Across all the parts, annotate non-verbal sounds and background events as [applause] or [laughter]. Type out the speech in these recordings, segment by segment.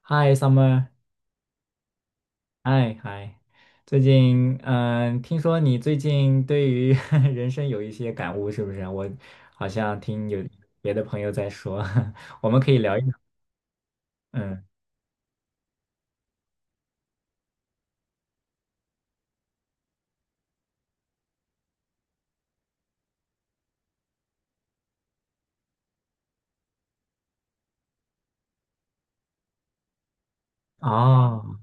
嗨，Summer，嗨嗨，最近嗯，听说你最近对于 [laughs] 人生有一些感悟，是不是？我好像听有别的朋友在说，[laughs] 我们可以聊一聊。嗯。哦。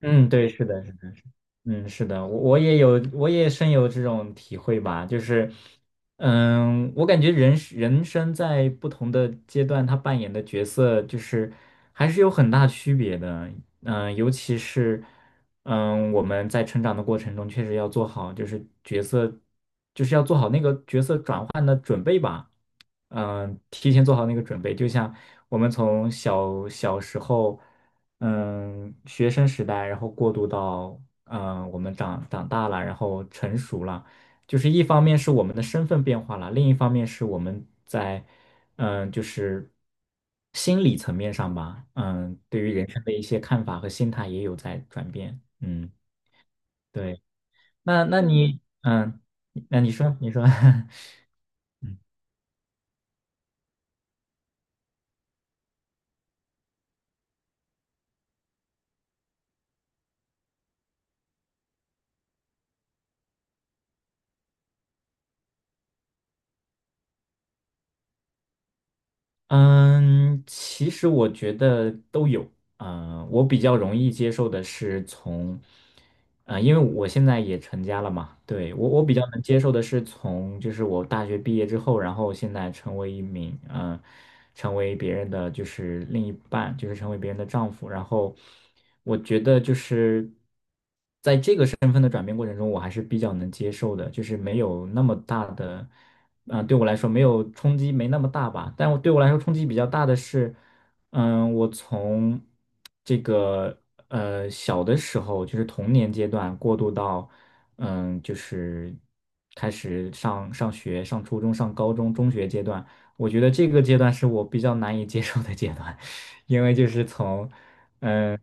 嗯，对，是的。嗯，是的，我也有，我也深有这种体会吧。就是，我感觉人生在不同的阶段，他扮演的角色就是还是有很大区别的。嗯，尤其是，我们在成长的过程中，确实要做好，就是角色，就是要做好那个角色。嗯、提前做好那个准备，就像我们小时候，嗯，学生时代，然后过渡到，嗯，我们长大了，然后成熟了，就是一方面是我们的身份变化了，另一方面是我们在，就是心理层面上吧，对于人生的一些看法和心态也有在转变。嗯，对。那你，嗯，那你说，[laughs] 嗯，其实我觉得都有。我比较容易接受的是从，嗯，因为我现在也成家了嘛。对，我比较能接受的是从，就是我大学毕业之后，然后现在成为一名，成为别人的就是另一半，就是成为别人的丈夫，然后我觉得就是。身份的转变过程中，我还是比较能接受的，就是没有那么大的，对我来说没有冲击没那么大吧。但我对我来说冲击比较大的是，我从这个小的时候，就是童年阶段过渡到，就是开始上学、上初中、上高中、中学阶段，我觉得这个阶段是我比较难以接受的阶段。因为就是从嗯，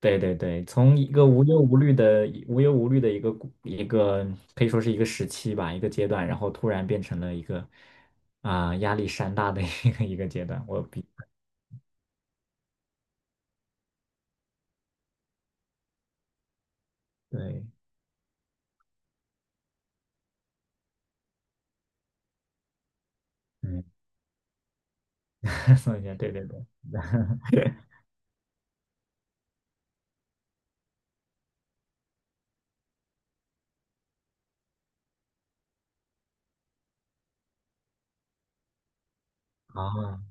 对对对，从一个无忧无虑的、无忧无虑的一个可以说是一个时期吧，一个阶段，然后突然变成了一个压力山大的 [laughs] 一个阶段。对。嗯。[laughs] 宋一下，对对对。啊。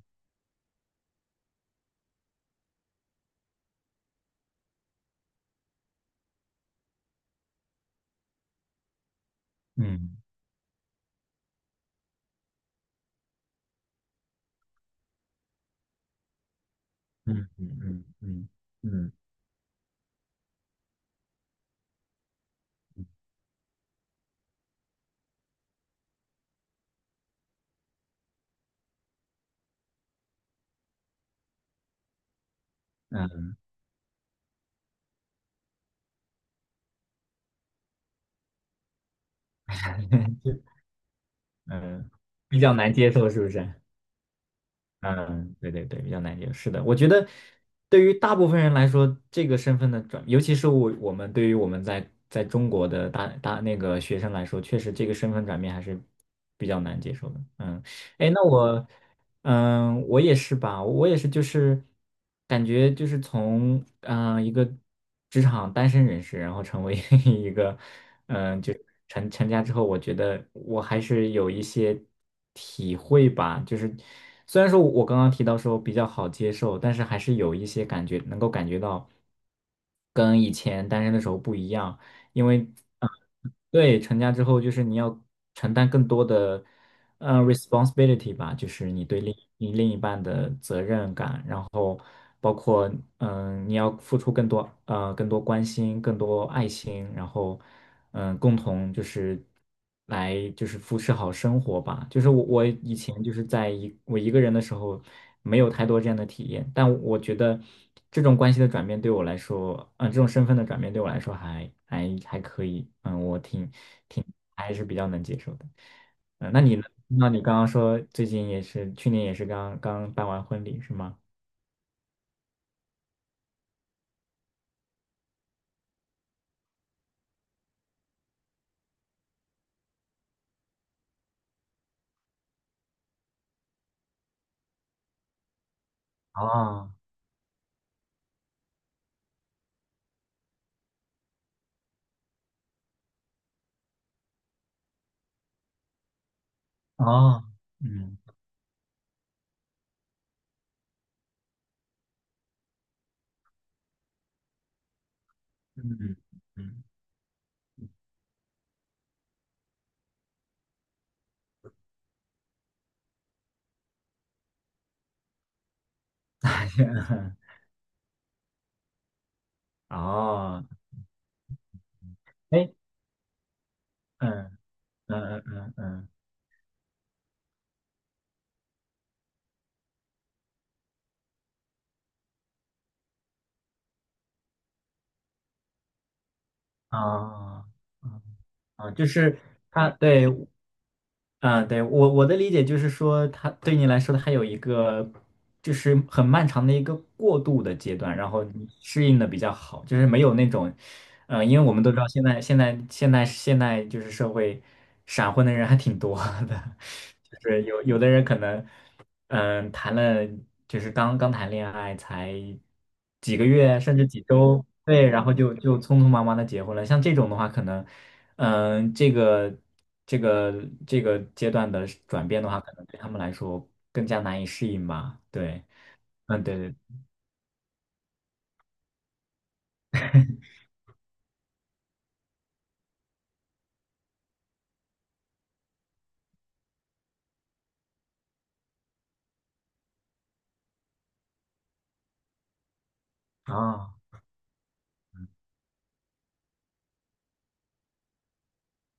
嗯嗯嗯嗯嗯嗯嗯。[laughs] 嗯，比较难接受是不是？嗯，对对对，比较难接受。是的，我觉得对于大部分人来说，这个身份的转，尤其是我们对于我们在中国的那个学生来说，确实这个身份转变还是比较难接受的。嗯。哎，那我，嗯，我也是吧，我也是，就是感觉就是从一个职场单身人士，然后成为 [laughs] 一个就成家之后，我觉得我还是有一些体会吧。就是虽然说我刚刚提到说比较好接受，但是还是有一些感觉能够感觉到跟以前单身的时候不一样，因为。呃对，成家之后就是你要承担更多的，responsibility 吧，就是你对另一半。然后包括你要付出更多关心、更多爱心，然后共同就是来就是扶持好生活吧。就是我以前就是我一个人的时候，没有太多这样的体验，但我觉得这种关系的转变对我来说，嗯、这种身份的转变对我来说还可以。嗯，我挺还是比较能接受的。嗯，那你呢？那你刚刚说最近也是，去年也是刚刚办完婚礼是吗？哦哦。嗯嗯嗯。[laughs] 哦。哎，嗯嗯嗯嗯嗯。哦。啊，哦。哦就是他对。啊，对我的理解就是说，他对你来说，他有一个就是很漫长的一个过渡的阶段，然后你适应的比较好，就是没有那种因为我们都知道现在就是社会闪婚的人还挺多的，[laughs] 就是有的人可能谈了就是刚刚谈恋爱才几个月甚至几周，对，然后就匆匆忙忙的结婚了。像这种的话，可能嗯、这个这个这个阶段的转变的话，可能对他们来说更加难以适应吧。对。嗯，对对。啊、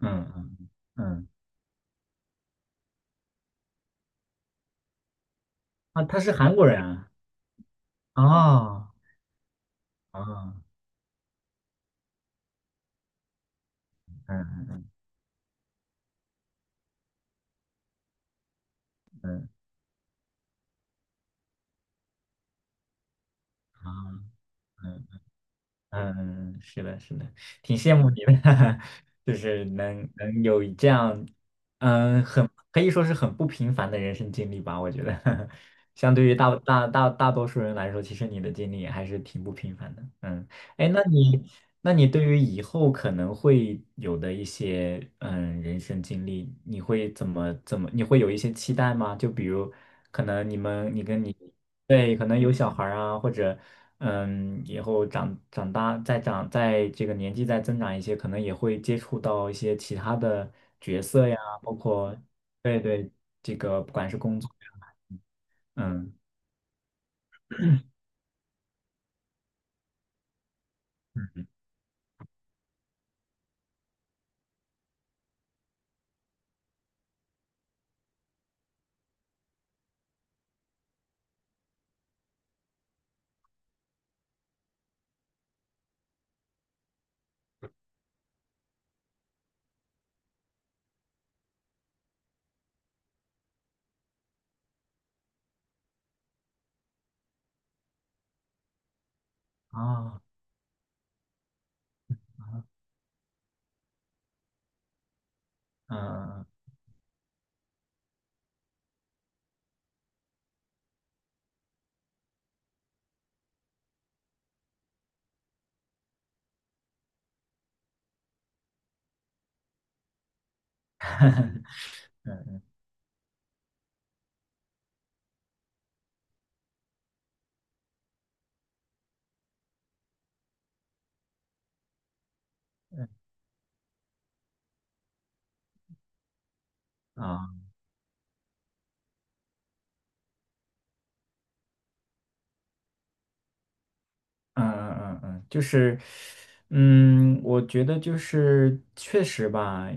嗯嗯嗯。啊，他是韩国人啊。哦。啊，嗯嗯。啊。嗯，是的，是的，挺羡慕你的，[laughs] 就是能有这样，嗯，很可以说是很不平凡的人生经历吧，我觉得，[laughs] 相对于大多数人来说，其实你的经历还是挺不平凡的。嗯。哎，那你那你对于以后可能会有的一些人生经历，你会怎么，你会有一些期待吗？就比如可能你们你跟你。对，可能有小孩儿啊，或者以后长大，在这个年纪再增长一些，可能也会接触到一些其他的角色呀，包括对对，这个不管是工作呀。嗯。啊。嗯。啊。啊嗯嗯嗯。嗯，就是，我觉得就是确实吧，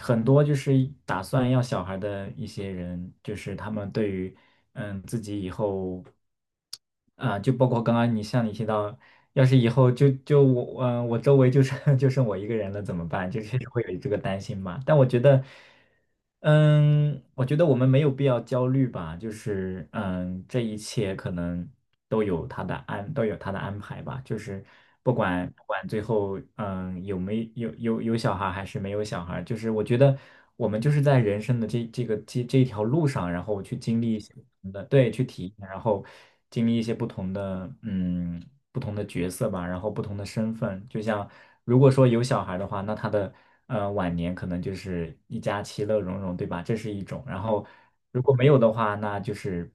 很多就是打算要小孩的一些人，就是他们对于，嗯，自己以后，啊、就包括刚刚像你提到，要是以后我，嗯、我周围就剩 [laughs] 就剩我一个人了怎么办？就是会有这个担心吧。但我觉得。我觉得我们没有必要焦虑吧，就是这一切可能都有他的安排吧。就是不管最后有没有小孩还是没有小孩，就是我觉得我们就是在人生的这一条路上，然后去经历一些不同的，对，去体验，然后经历一些不同的不同的角色吧，然后不同的身份。就像如果说有小孩的话，那他的晚年可能就是一家其乐融融，对吧？这是一种。然后如果没有的话，那就是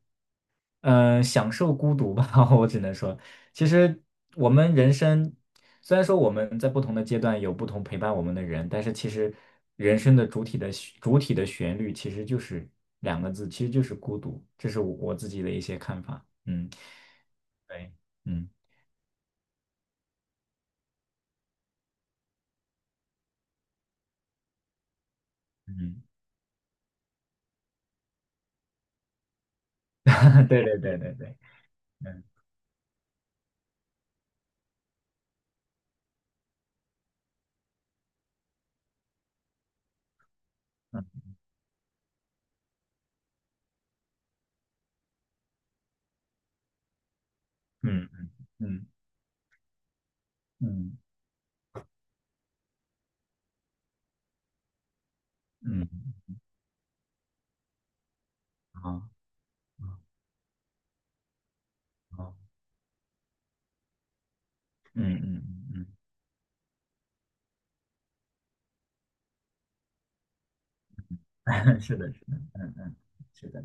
享受孤独吧，[laughs] 我只能说。其实我们人生，虽然说我们在不同的阶段有不同陪伴我们的人，但是其实人生的主体的旋律其实就是两个字，其实就是孤独。这是我自己的一些看法。嗯，对。嗯嗯。[laughs] 对对对对对。嗯嗯嗯嗯嗯嗯。嗯嗯。好，好，好。嗯嗯嗯嗯。[laughs] 是的，是的。嗯嗯。是的。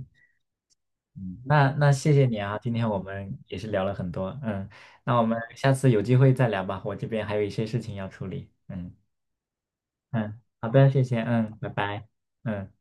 嗯，那谢谢你啊，今天我们也是聊了很多，嗯，那我们下次有机会再聊吧，我这边还有一些事情要处理。嗯嗯。好的，谢谢，嗯，拜拜。嗯。